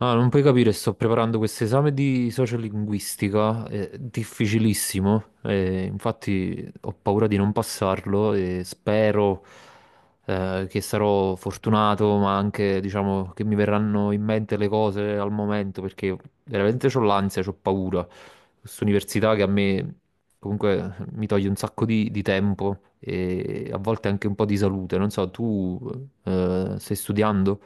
Ah, non puoi capire, sto preparando questo esame di sociolinguistica, è difficilissimo, e infatti ho paura di non passarlo e spero che sarò fortunato, ma anche, diciamo, che mi verranno in mente le cose al momento, perché veramente ho l'ansia, ho paura. Questa università che a me comunque mi toglie un sacco di tempo e a volte anche un po' di salute. Non so, tu stai studiando?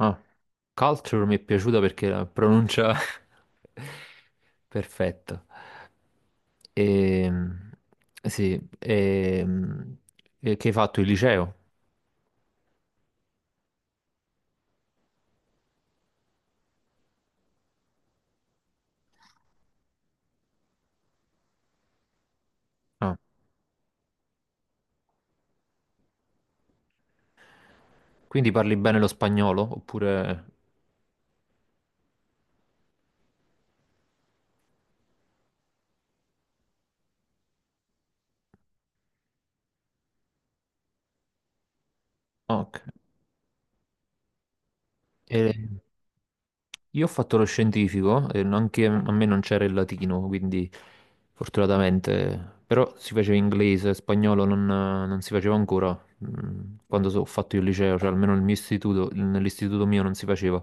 Ah, Culture mi è piaciuta perché la pronuncia perfetta. Ehm, sì, e che hai fatto il liceo? Ah, quindi parli bene lo spagnolo? Oppure... Ok. Ehm, Io ho fatto lo scientifico e anche a me non c'era il latino, quindi fortunatamente, però si faceva inglese, spagnolo non si faceva ancora quando ho fatto io il liceo, cioè almeno nel mio istituto, nell'istituto mio non si faceva.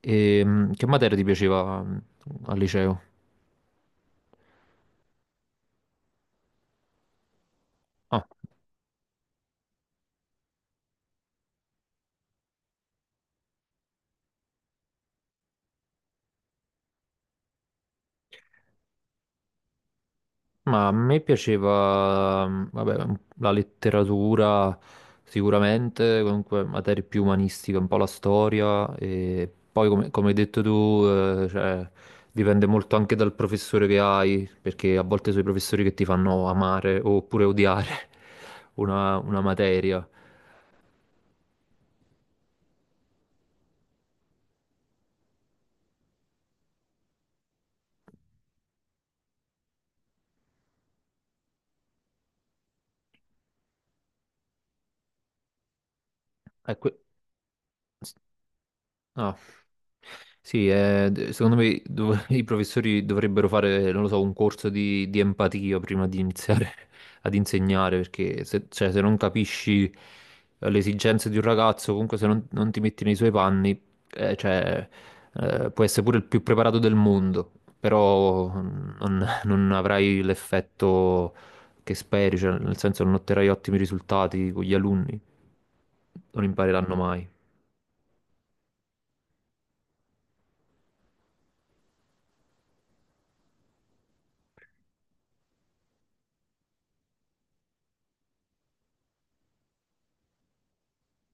Che materia ti piaceva al liceo? Ah, ma a me piaceva, vabbè, la letteratura sicuramente, comunque materie più umanistiche, un po' la storia e poi come hai detto tu, eh, cioè, dipende molto anche dal professore che hai, perché a volte sono i professori che ti fanno amare oppure odiare una materia. Ecco, ah, sì, secondo me i professori dovrebbero fare, non lo so, un corso di empatia prima di iniziare ad insegnare, perché se, cioè, se non capisci le esigenze di un ragazzo, comunque se non ti metti nei suoi panni, eh, cioè, puoi essere pure il più preparato del mondo, però mm, non, non avrai l'effetto che speri, cioè, nel senso non otterrai ottimi risultati con gli alunni, non impareranno mai.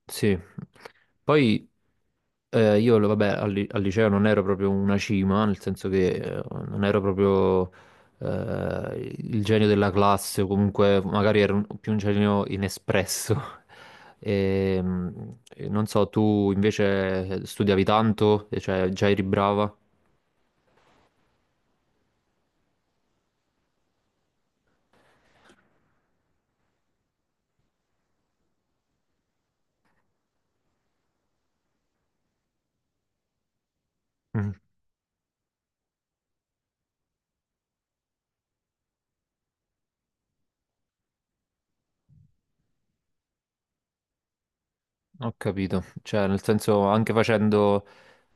Sì. Poi io, vabbè, al liceo non ero proprio una cima, nel senso che non ero proprio il genio della classe, o comunque magari ero più un genio inespresso. E, mm, e non so, tu invece studiavi tanto, e cioè già eri brava? Mm, Ho capito, cioè nel senso anche facendo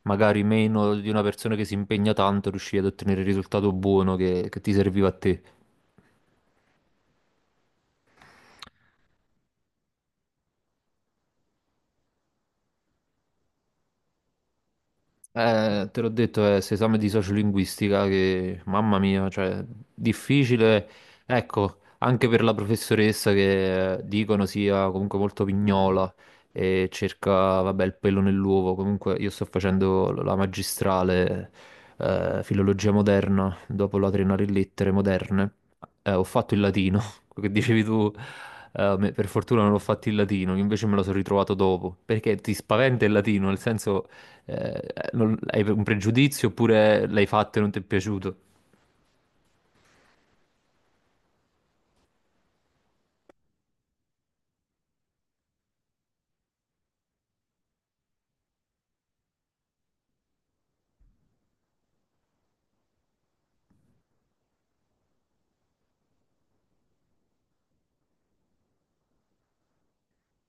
magari meno di una persona che si impegna tanto, riuscivi ad ottenere il risultato buono che ti serviva a te. Te l'ho detto, è questo esame di sociolinguistica che, mamma mia, cioè, difficile, ecco, anche per la professoressa che dicono sia comunque molto pignola e cerca, vabbè, il pelo nell'uovo. Comunque io sto facendo la magistrale filologia moderna dopo la triennale in lettere moderne. Ho fatto il latino. Quello che dicevi tu, per fortuna non l'ho fatto in latino, io invece me lo sono ritrovato dopo, perché ti spaventa il latino, nel senso, eh, hai un pregiudizio oppure l'hai fatto e non ti è piaciuto?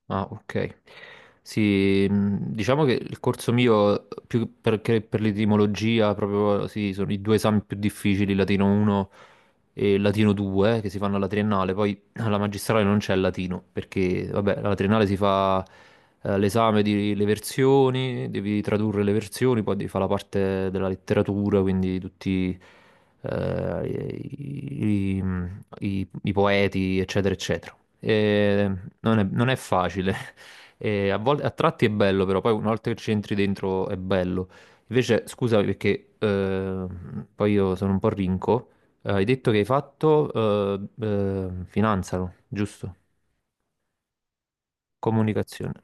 Ah, ok. Sì, diciamo che il corso mio, più che per l'etimologia, proprio sì, sono i due esami più difficili, latino 1 e latino 2, che si fanno alla triennale. Poi alla magistrale non c'è il latino, perché, vabbè, alla triennale si fa l'esame delle versioni, devi tradurre le versioni, poi devi fare la parte della letteratura, quindi tutti eh, i, i- i poeti, eccetera, eccetera. E non è facile. E a volte, a tratti è bello, però poi una volta che ci entri dentro è bello. Invece, scusa perché poi io sono un po' rinco. Hai detto che hai fatto finanza, no? Giusto? Comunicazione.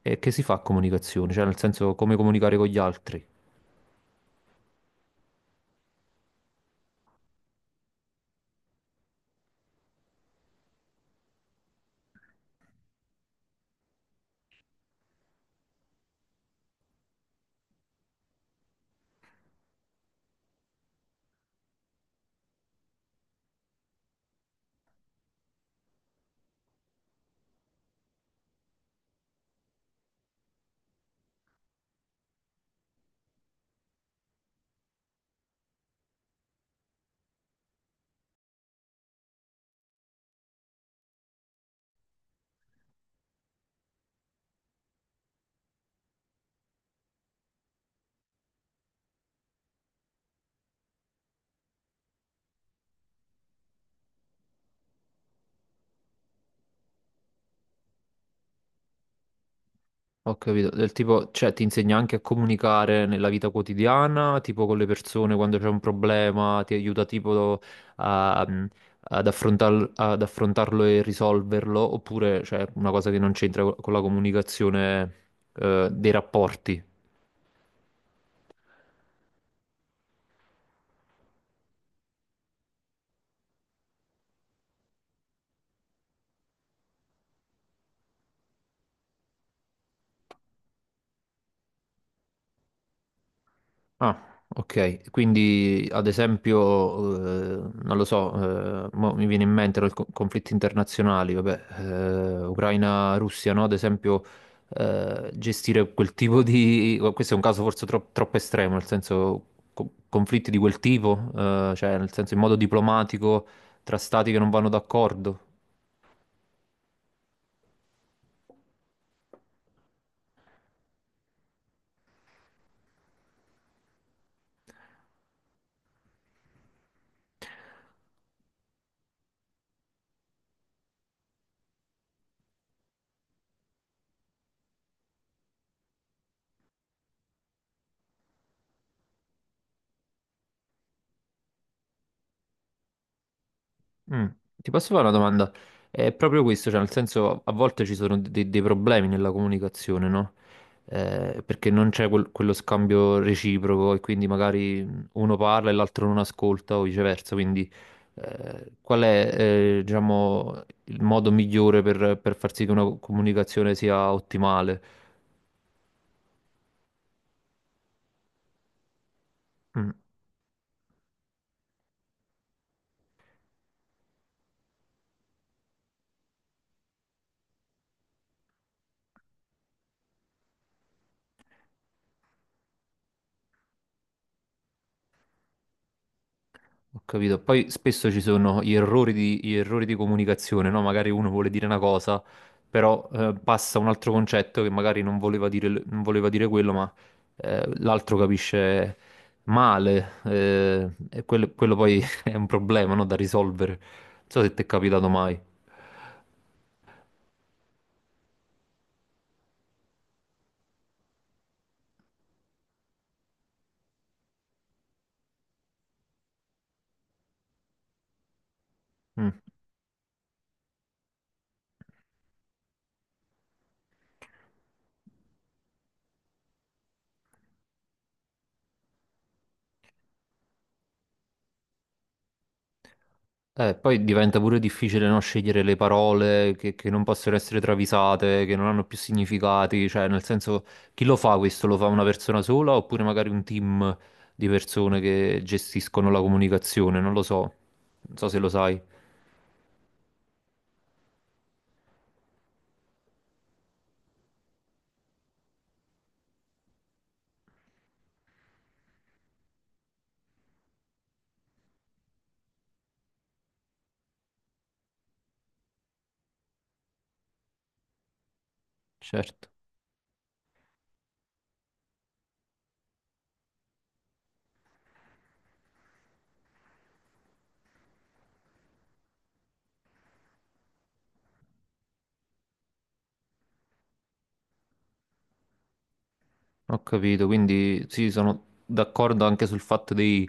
E che si fa a comunicazione? Cioè, nel senso, come comunicare con gli altri? Ho capito, del tipo, cioè ti insegna anche a comunicare nella vita quotidiana, tipo con le persone quando c'è un problema, ti aiuta tipo a- mm, ad ad affrontarlo e risolverlo, oppure c'è una cosa che non c'entra con la comunicazione, dei rapporti. Ah, ok. Quindi, ad esempio, non lo so, mo mi viene in mente i conflitti internazionali, vabbè, Ucraina-Russia, no? Ad esempio, gestire quel tipo di... Questo è un caso forse troppo estremo, nel senso, conflitti di quel tipo, nel senso, in modo diplomatico, tra stati che non vanno d'accordo. Mm. Ti posso fare una domanda? È proprio questo, cioè nel senso a volte ci sono dei problemi nella comunicazione, no? Perché non c'è quello scambio reciproco e quindi magari uno parla e l'altro non ascolta o viceversa, quindi qual è diciamo, il modo migliore per far sì che una comunicazione sia ottimale? Mm. Ho capito. Poi spesso ci sono gli gli errori di comunicazione, no? Magari uno vuole dire una cosa, però passa un altro concetto che magari non voleva dire, quello, ma l'altro capisce male. E quello poi è un problema, no? Da risolvere. Non so se ti è capitato mai. Mm. Poi diventa pure difficile non scegliere le parole che non possono essere travisate, che non hanno più significati, cioè nel senso chi lo fa questo? Lo fa una persona sola oppure magari un team di persone che gestiscono la comunicazione? Non lo so, non so se lo sai. Certo. Ho capito, quindi sì, sono d'accordo anche sul fatto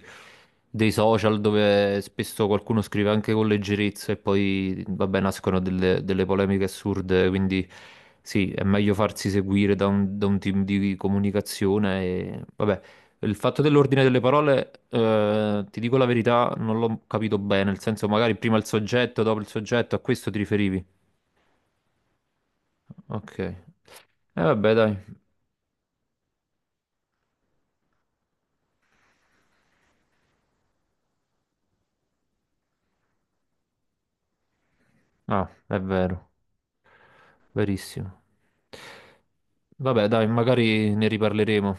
dei social dove spesso qualcuno scrive anche con leggerezza e poi, vabbè, nascono delle polemiche assurde, quindi sì, è meglio farsi seguire da da un team di comunicazione e, vabbè, il fatto dell'ordine delle parole, ti dico la verità, non l'ho capito bene, nel senso magari prima il soggetto, dopo il soggetto, a questo ti riferivi? Ok. E vabbè, dai. Ah, è vero. Verissimo. Vabbè, dai, magari ne riparleremo.